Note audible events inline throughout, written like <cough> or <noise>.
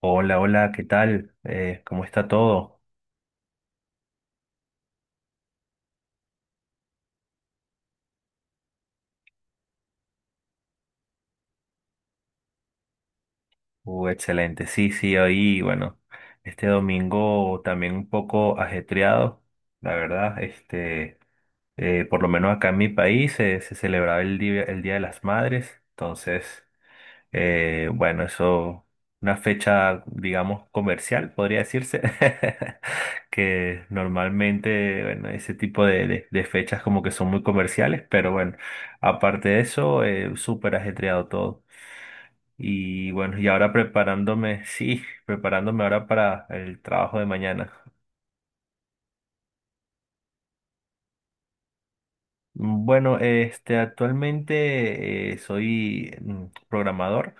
Hola, hola, ¿qué tal? ¿Cómo está todo? Excelente, sí, sí, hoy, bueno, este domingo también un poco ajetreado, la verdad, este, por lo menos acá en mi país se celebraba el Día de las Madres, entonces bueno, eso, una fecha, digamos, comercial, podría decirse. <laughs> Que normalmente, bueno, ese tipo de fechas como que son muy comerciales, pero bueno, aparte de eso, súper ajetreado todo. Y bueno, y ahora preparándome, sí, preparándome ahora para el trabajo de mañana. Bueno, este, actualmente soy programador.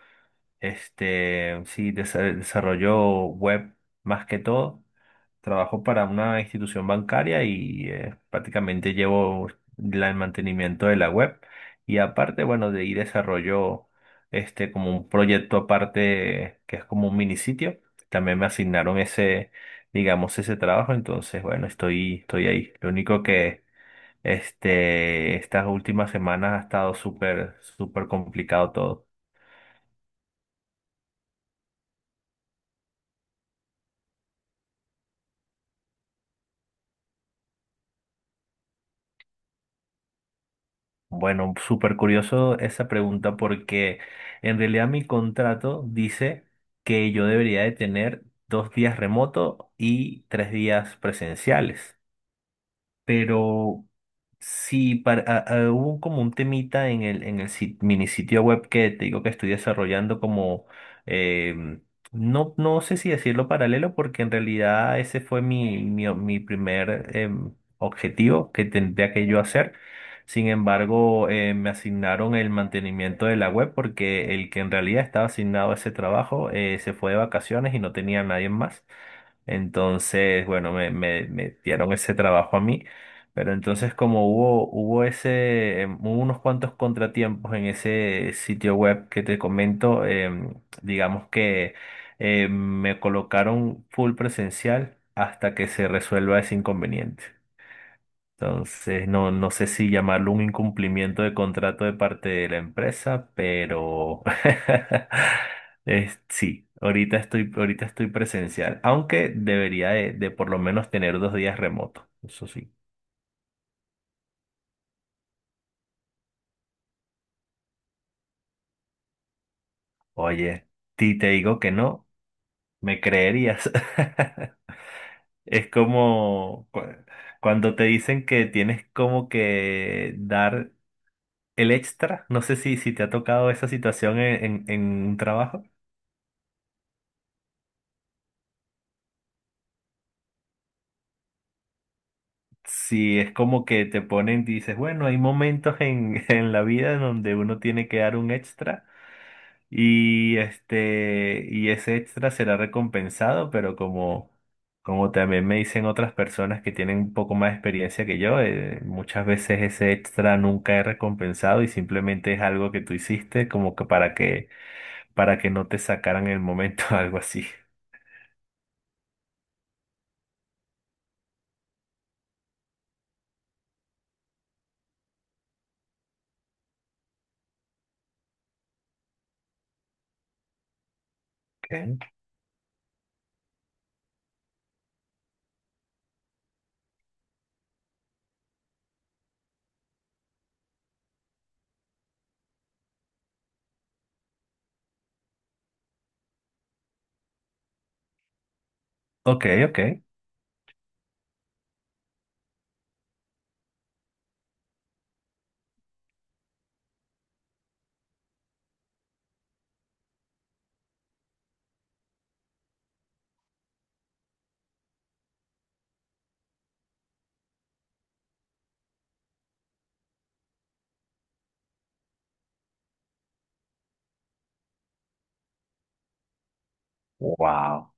Este, sí, desarrollo web más que todo. Trabajo para una institución bancaria y prácticamente llevo el mantenimiento de la web. Y aparte, bueno, de ahí desarrollo este como un proyecto aparte que es como un mini sitio. También me asignaron ese, digamos, ese trabajo. Entonces, bueno, estoy ahí. Lo único que este, estas últimas semanas ha estado súper, súper complicado todo. Bueno, súper curioso esa pregunta porque en realidad mi contrato dice que yo debería de tener 2 días remoto y 3 días presenciales. Pero sí, hubo como un temita en el mini sitio web que te digo que estoy desarrollando como, em, no, no sé si decirlo paralelo, porque en realidad ese fue mi primer objetivo que tendría que yo hacer. Sin embargo, me asignaron el mantenimiento de la web porque el que en realidad estaba asignado a ese trabajo se fue de vacaciones y no tenía a nadie más. Entonces, bueno, me dieron ese trabajo a mí. Pero entonces como hubo unos cuantos contratiempos en ese sitio web que te comento. Digamos que em, me colocaron full presencial hasta que se resuelva ese inconveniente. Entonces, no, no sé si llamarlo un incumplimiento de contrato de parte de la empresa, pero <laughs> sí, ahorita estoy presencial, aunque debería de por lo menos tener 2 días remoto, eso sí. Oye, si te digo que no, me creerías. <laughs> Es como cuando te dicen que tienes como que dar el extra, no sé si te ha tocado esa situación en un trabajo. Sí, es como que te ponen, dices, bueno, hay momentos <laughs> en la vida donde uno tiene que dar un extra y este y ese extra será recompensado, pero como también me dicen otras personas que tienen un poco más de experiencia que yo, muchas veces ese extra nunca es recompensado y simplemente es algo que tú hiciste como que para que no te sacaran el momento, <laughs> algo así. OK, OK. OK. Wow.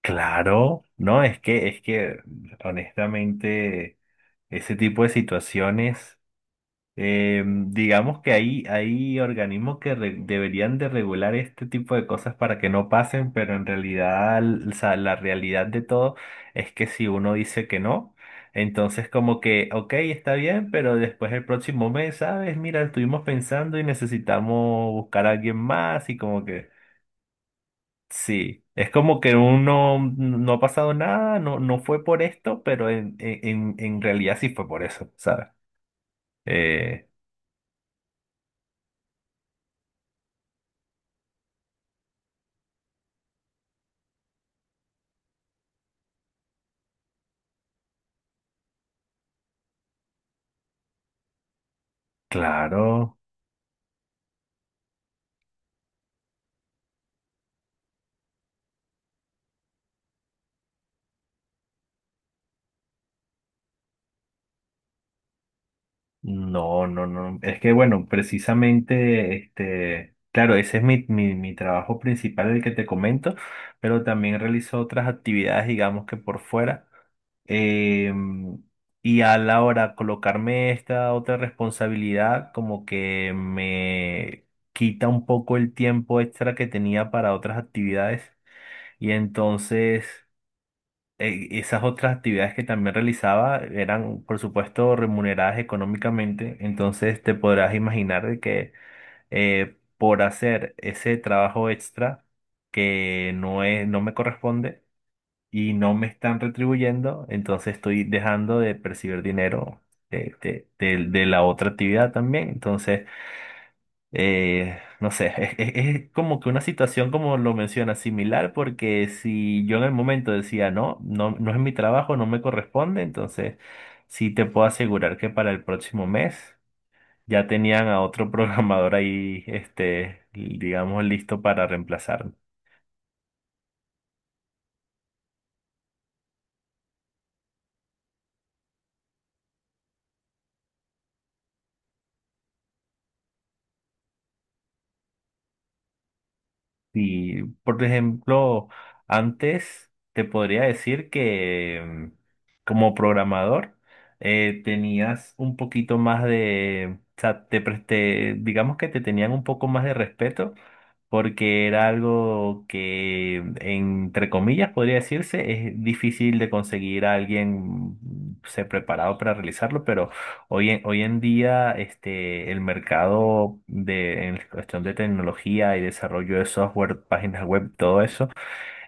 Claro, no, es que honestamente ese tipo de situaciones, digamos que hay organismos que deberían de regular este tipo de cosas para que no pasen, pero en realidad, o sea, la realidad de todo es que si uno dice que no, entonces como que, ok, está bien, pero después el próximo mes, ¿sabes? Mira, estuvimos pensando y necesitamos buscar a alguien más y como que... Sí, es como que uno no ha pasado nada, no, no fue por esto, pero en realidad sí fue por eso, ¿sabes? Eh, claro. No, no, no. Es que bueno, precisamente, este, claro, ese es mi trabajo principal, el que te comento, pero también realizo otras actividades, digamos que por fuera. Em, y a la hora de colocarme esta otra responsabilidad, como que me quita un poco el tiempo extra que tenía para otras actividades. Y entonces esas otras actividades que también realizaba eran, por supuesto, remuneradas económicamente, entonces te podrás imaginar de que por hacer ese trabajo extra que no es, no me corresponde y no me están retribuyendo, entonces estoy dejando de percibir dinero de la otra actividad también. Entonces, no sé, <laughs> es como que una situación como lo menciona, similar, porque si yo en el momento decía no, no, no es mi trabajo, no me corresponde, entonces sí te puedo asegurar que para el próximo mes ya tenían a otro <laughs> programador ahí, este, digamos, listo para reemplazar. Y, por ejemplo, antes te podría decir que mm, como programador tenías un poquito más de, o sea, te, digamos que te tenían un poco más de respeto porque era algo que, entre comillas, podría decirse, es difícil de conseguir a alguien se preparado para realizarlo, pero hoy en día, este, el mercado de, en cuestión de tecnología y desarrollo de software, páginas web, todo eso,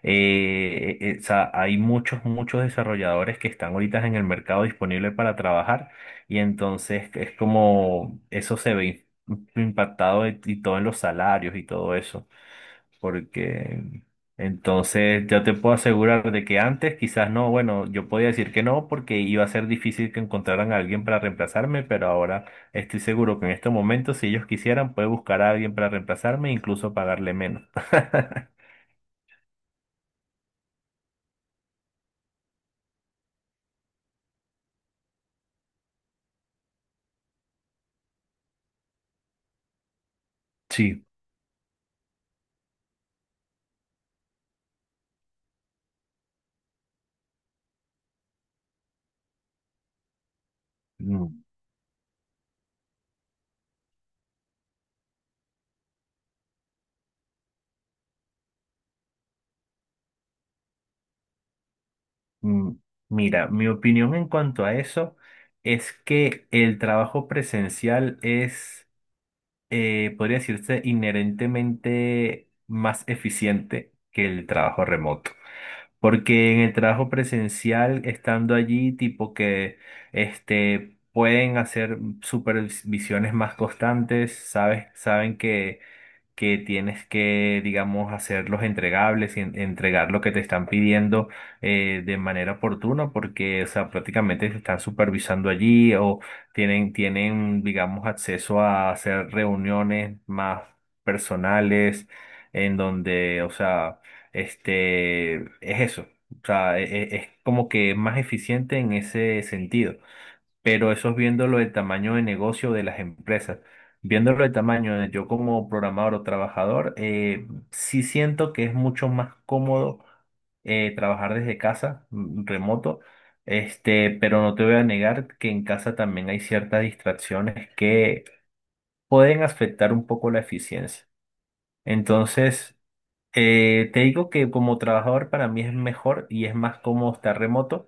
o sea, hay muchos, muchos desarrolladores que están ahorita en el mercado disponible para trabajar y entonces es como eso se ve impactado y todo en los salarios y todo eso porque entonces ya te puedo asegurar de que antes quizás no, bueno, yo podía decir que no porque iba a ser difícil que encontraran a alguien para reemplazarme, pero ahora estoy seguro que en este momento, si ellos quisieran, puede buscar a alguien para reemplazarme e incluso pagarle menos. <laughs> Sí, mm, mm, mira, mi opinión en cuanto a eso es que el trabajo presencial es, podría decirse, inherentemente más eficiente que el trabajo remoto. Porque en el trabajo presencial, estando allí, tipo que este, pueden hacer supervisiones más constantes, ¿sabes? Saben que tienes que, digamos, hacer los entregables y entregar lo que te están pidiendo de manera oportuna, porque, o sea, prácticamente te están supervisando allí o tienen, digamos, acceso a hacer reuniones más personales en donde, o sea, este, es eso. O sea, es como que es más eficiente en ese sentido, pero eso es viéndolo del tamaño de negocio de las empresas. Viéndolo del tamaño de yo como programador o trabajador, sí siento que es mucho más cómodo trabajar desde casa, remoto, este, pero no te voy a negar que en casa también hay ciertas distracciones que pueden afectar un poco la eficiencia. Entonces, te digo que como trabajador para mí es mejor y es más cómodo estar remoto,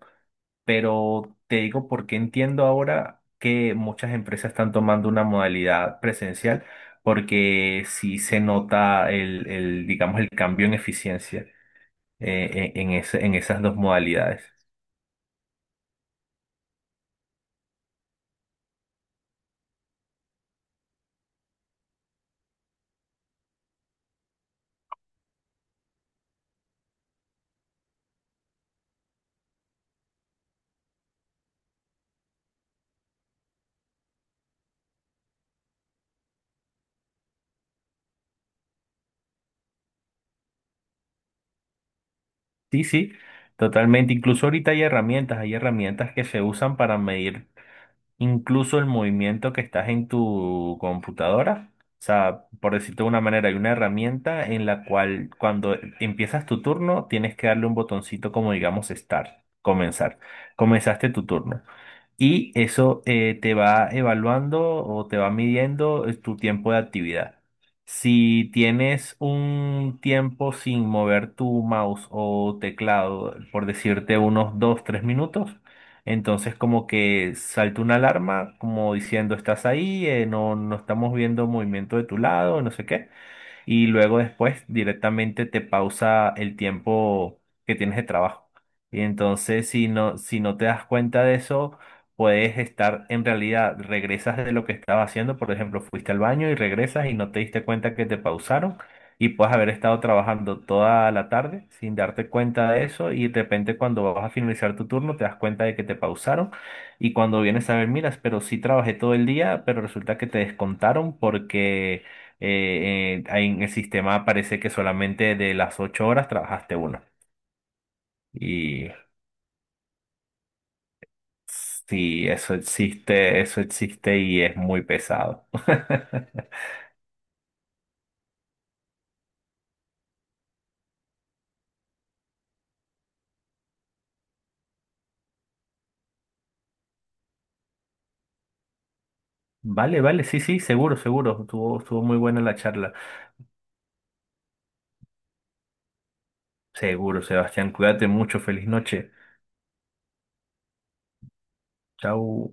pero te digo porque entiendo ahora que muchas empresas están tomando una modalidad presencial porque sí se nota digamos, el cambio en eficiencia en esas dos modalidades. Sí, sí, totalmente. Incluso ahorita hay herramientas que se usan para medir incluso el movimiento que estás en tu computadora. O sea, por decirte de una manera, hay una herramienta en la cual cuando empiezas tu turno tienes que darle un botoncito como digamos start, comenzar. Comenzaste tu turno y eso te va evaluando o te va midiendo tu tiempo de actividad. Si tienes un tiempo sin mover tu mouse o teclado, por decirte unos 2 3 minutos, entonces como que salta una alarma como diciendo estás ahí, no, no estamos viendo movimiento de tu lado, no sé qué, y luego después directamente te pausa el tiempo que tienes de trabajo. Y entonces si no te das cuenta de eso, puedes estar en realidad, regresas de lo que estabas haciendo, por ejemplo, fuiste al baño y regresas y no te diste cuenta que te pausaron, y puedes haber estado trabajando toda la tarde sin darte cuenta de eso, y de repente cuando vas a finalizar tu turno te das cuenta de que te pausaron, y cuando vienes a ver, miras, pero sí trabajé todo el día, pero resulta que te descontaron porque ahí en el sistema parece que solamente de las 8 horas trabajaste una. Y sí, eso existe y es muy pesado. <laughs> Vale, vale, sí, sí, seguro, seguro. Estuvo muy buena la charla. Seguro, Sebastián, cuídate mucho, feliz noche. Chau.